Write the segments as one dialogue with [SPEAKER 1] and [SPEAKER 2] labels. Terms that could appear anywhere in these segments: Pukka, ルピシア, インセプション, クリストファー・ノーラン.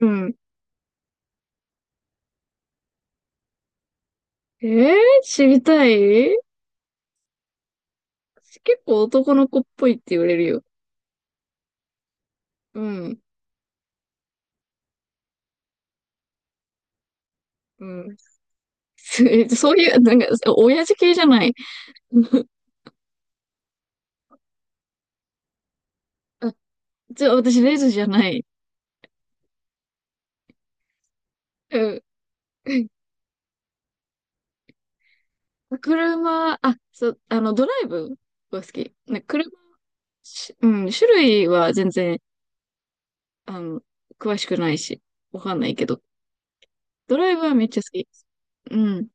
[SPEAKER 1] うん。えー、知りたい。結構男の子っぽいって言われるよ。うん。うん。そういう、なんか、親父系じゃない。あ、じゃあ私、レズじゃない。うん。車、あ、そう、ドライブが好き。ね、車、うん、種類は全然、あの、詳しくないし、わかんないけど。ドライブはめっちゃ好き。うん。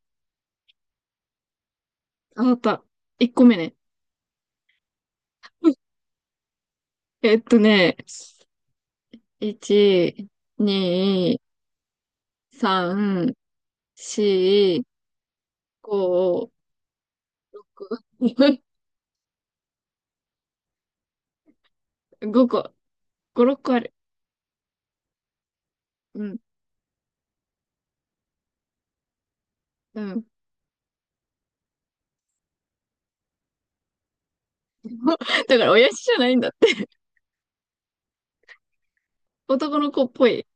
[SPEAKER 1] あ、わかった。1個目ね。えっとね、1、2、3、4、5、5個、5、6個ある。うん、うん。だから、親父じゃないんだって。男の子っぽい。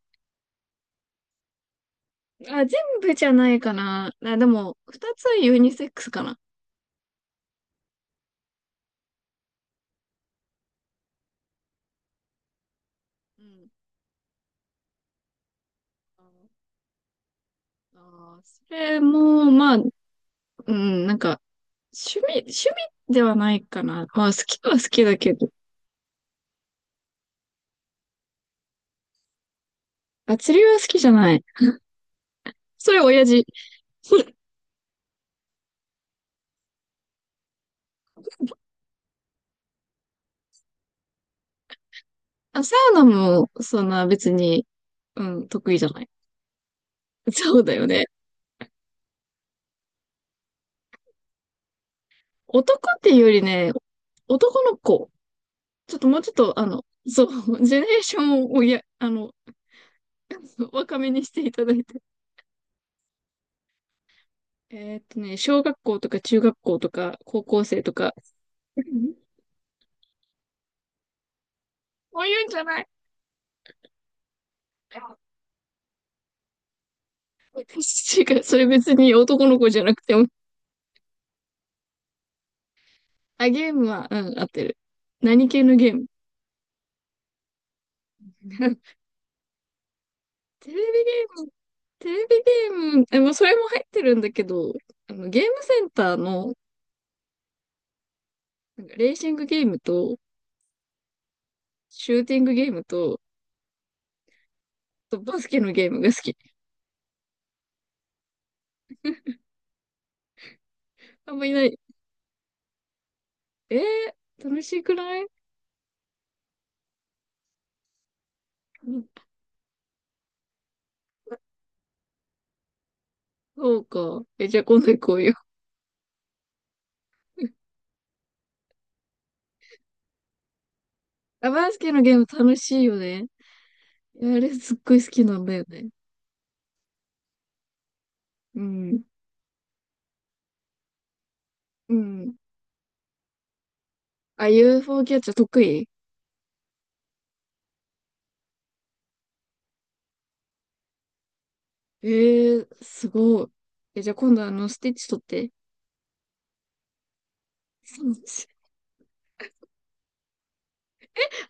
[SPEAKER 1] あ、全部じゃないかな。あ、でも、2つはユニセックスかな。うん。あー、それも、まあ、うん、なんか、趣味ではないかな。まあ、好きは好きだけど。あ、釣りは好きじゃない。それ親父。あ、サウナも、そんな別に、うん、得意じゃない。そうだよね。男っていうよりね、男の子。ちょっともうちょっと、そう、ジェネレーションを若めにしていただいて。小学校とか中学校とか高校生とか。うん、そういうんじゃない。違う、それ別に男の子じゃなくても。あ、ゲームは、うん、合ってる。何系のゲーム？ テレビゲーム、テレビゲーム、まあ、それも入ってるんだけど、ゲームセンターの、なんかレーシングゲームと、シューティングゲームと、バスケのゲームが好き。あんまいない。え楽しくない？そうか。じゃあ今度行こうよ。あ、バスケのゲーム楽しいよね。いや、あれすっごい好きなんだよね。うん。うん。あ、UFO キャッチャー得意？すごい。じゃあ今度スティッチ取って。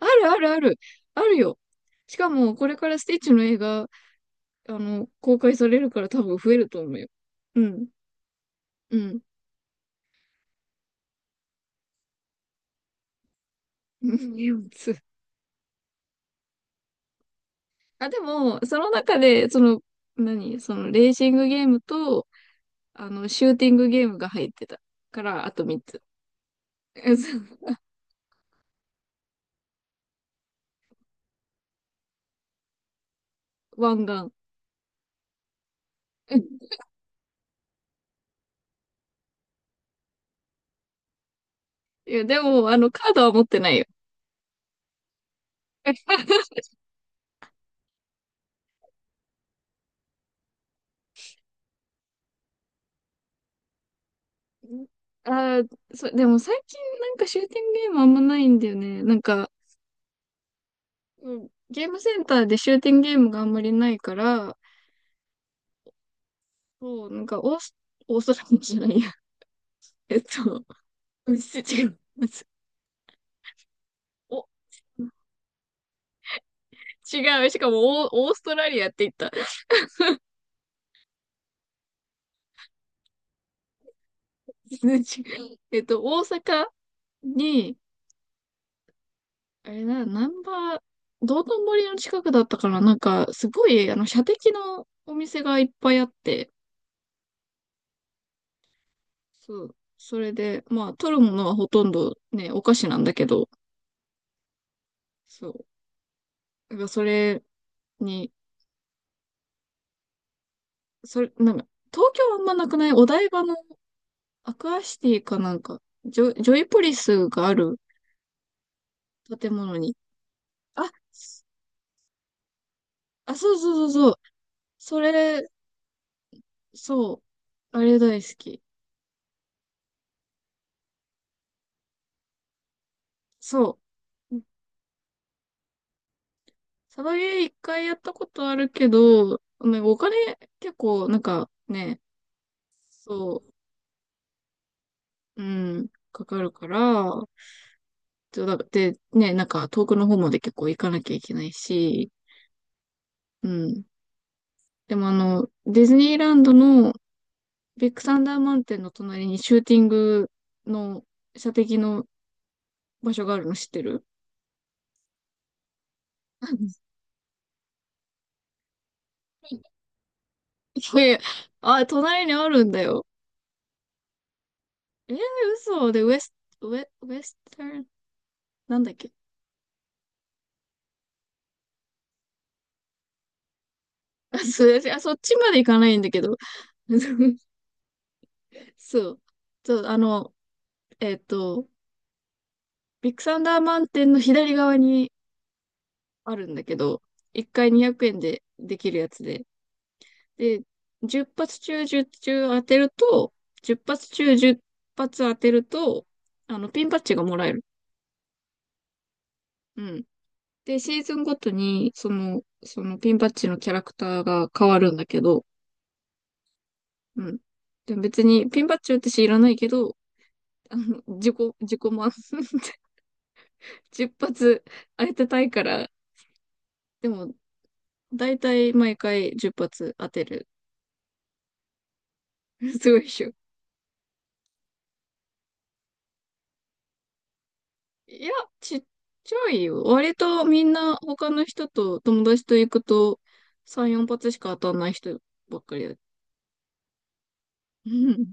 [SPEAKER 1] あるあるある。あるよ。しかも、これからスティッチの映画、公開されるから多分増えると思うよ。うん。うん。うん。あ、でも、その中で、その、何その、レーシングゲームと、シューティングゲームが入ってたから、あと3つ。そう。ワンガン。うん。いや、でも、カードは持ってないよ。ああ、そう。でも最近なんかシューティングゲームあんまないんだよね。なんか、うん、ゲームセンターでシューティングゲームがあんまりないから、そう、なんかオーストラリアじゃないや。えっと、うん、違う。お、違う。しかもオーストラリアって言った。数値大阪に、あれな、ナンバー、道頓堀の近くだったから、なんか、すごい、射的のお店がいっぱいあって、そう、それで、まあ、取るものはほとんどね、お菓子なんだけど、そう、やっぱそれに、それ、なんか、東京はあんまなくない？お台場のアクアシティかなんか、ジョイポリスがある建物に、あ、あ、そうそうそうそう、それ、そう、あれ大好き。そう。うん、サバゲー一回やったことあるけど、ね、お金結構なんかね、そう、うん、かかるから、だってね、なんか遠くの方まで結構行かなきゃいけないし、うん。でもディズニーランドのビッグサンダーマウンテンの隣にシューティングの射的の場所があるの知ってる？うん。 いやいや、あ、隣にあるんだよ。えー、嘘。で、ウエスタン、なんだっけ？あ、すいません。あ、そっちまで行かないんだけど。そう。そう、えっと、ビッグサンダーマウンテンの左側にあるんだけど、1回200円でできるやつで。で、10発中10中当てると、10発中10発当てると、ピンバッジがもらえる。うん。で、シーズンごとに、そのピンバッジのキャラクターが変わるんだけど、うん。でも別に、ピンバッジ私いらないけど、自己満。10発当てたいから、でも、だいたい毎回10発当てる。すごいっしょ。いや、ちっちゃいよ。割とみんな他の人と友達と行くと3、4発しか当たんない人ばっかりだ。うん。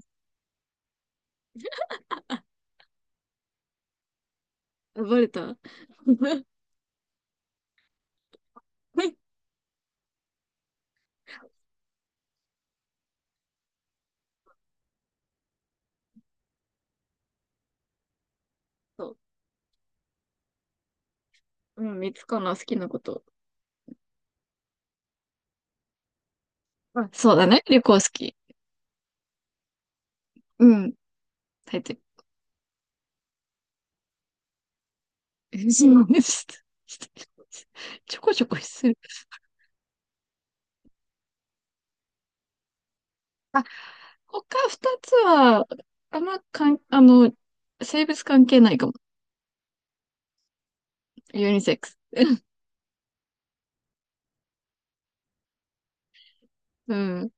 [SPEAKER 1] あ、バレた。そう。うん、三つかな、好きなこと。あ、そうだね。旅行好き。うん。大抵。ちょこちょこする。他二つは、あんまかん、あの、性別関係ないかも。ユニセックス。うん。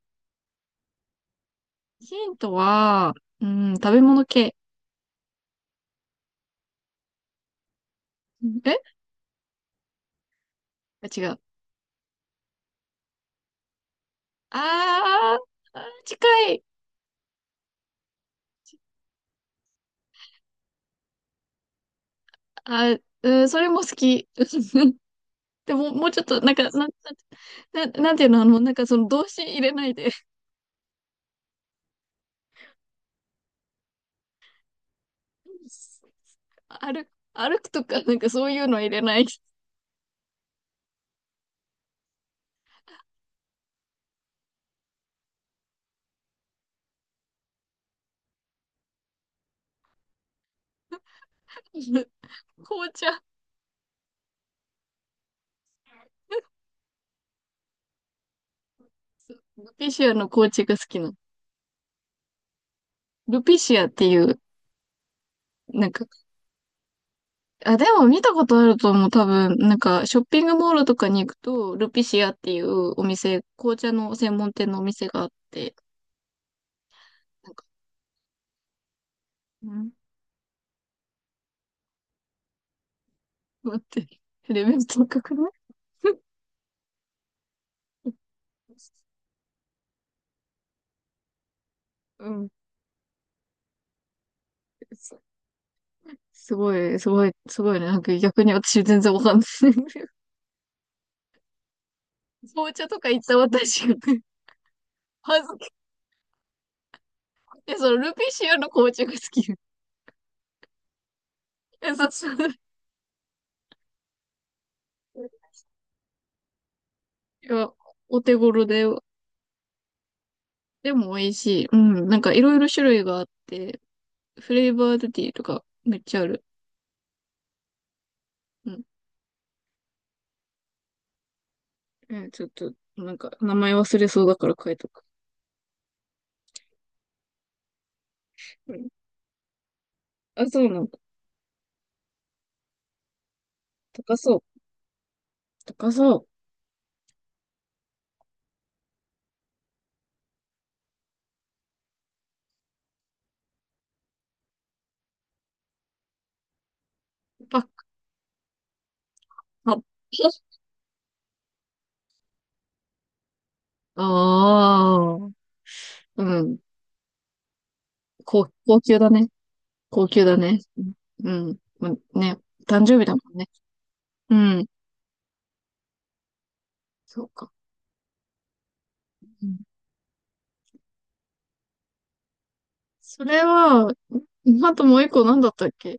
[SPEAKER 1] ヒントは、うん、食べ物系。えあ、違う。ああー、近い。あ、うん、それも好き。でも、もうちょっと、なんか、なんていうの、なんかその動詞入れないで。歩、歩くとか、なんかそういうの入れない。紅茶。ルピシアの紅茶が好きなの。ルピシアっていう、なんか、あ、でも見たことあると思う。多分、なんか、ショッピングモールとかに行くと、ルピシアっていうお店、紅茶の専門店のお店があって、なんか、うん、待って、レベル高くない？ うん。すすごい、すごい、すごいね。なんか逆に私全然わかんない。紅茶とか行った私がね、恥ずかしくて、そのルピシアの紅茶が好き。え、そうそう。いや、お手頃で、でも美味しい。うん。なんかいろいろ種類があって、フレーバードティーとかめっちゃある。うん。ちょっと、なんか、名前忘れそうだから書いとく。うん、あ、そうなんだ。高そう。高そう。パッカ。あ。 ああ。うん。高級だね。高級だね。うん。うん、まね。誕生日だもんね。うん。そうか。うん、それは、あともう一個何だったっけ、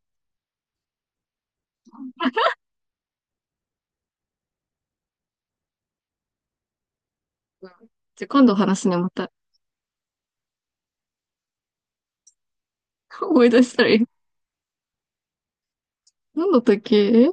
[SPEAKER 1] うん、じゃ、今度話すね、また。思い出したらいい。何だったっけえ？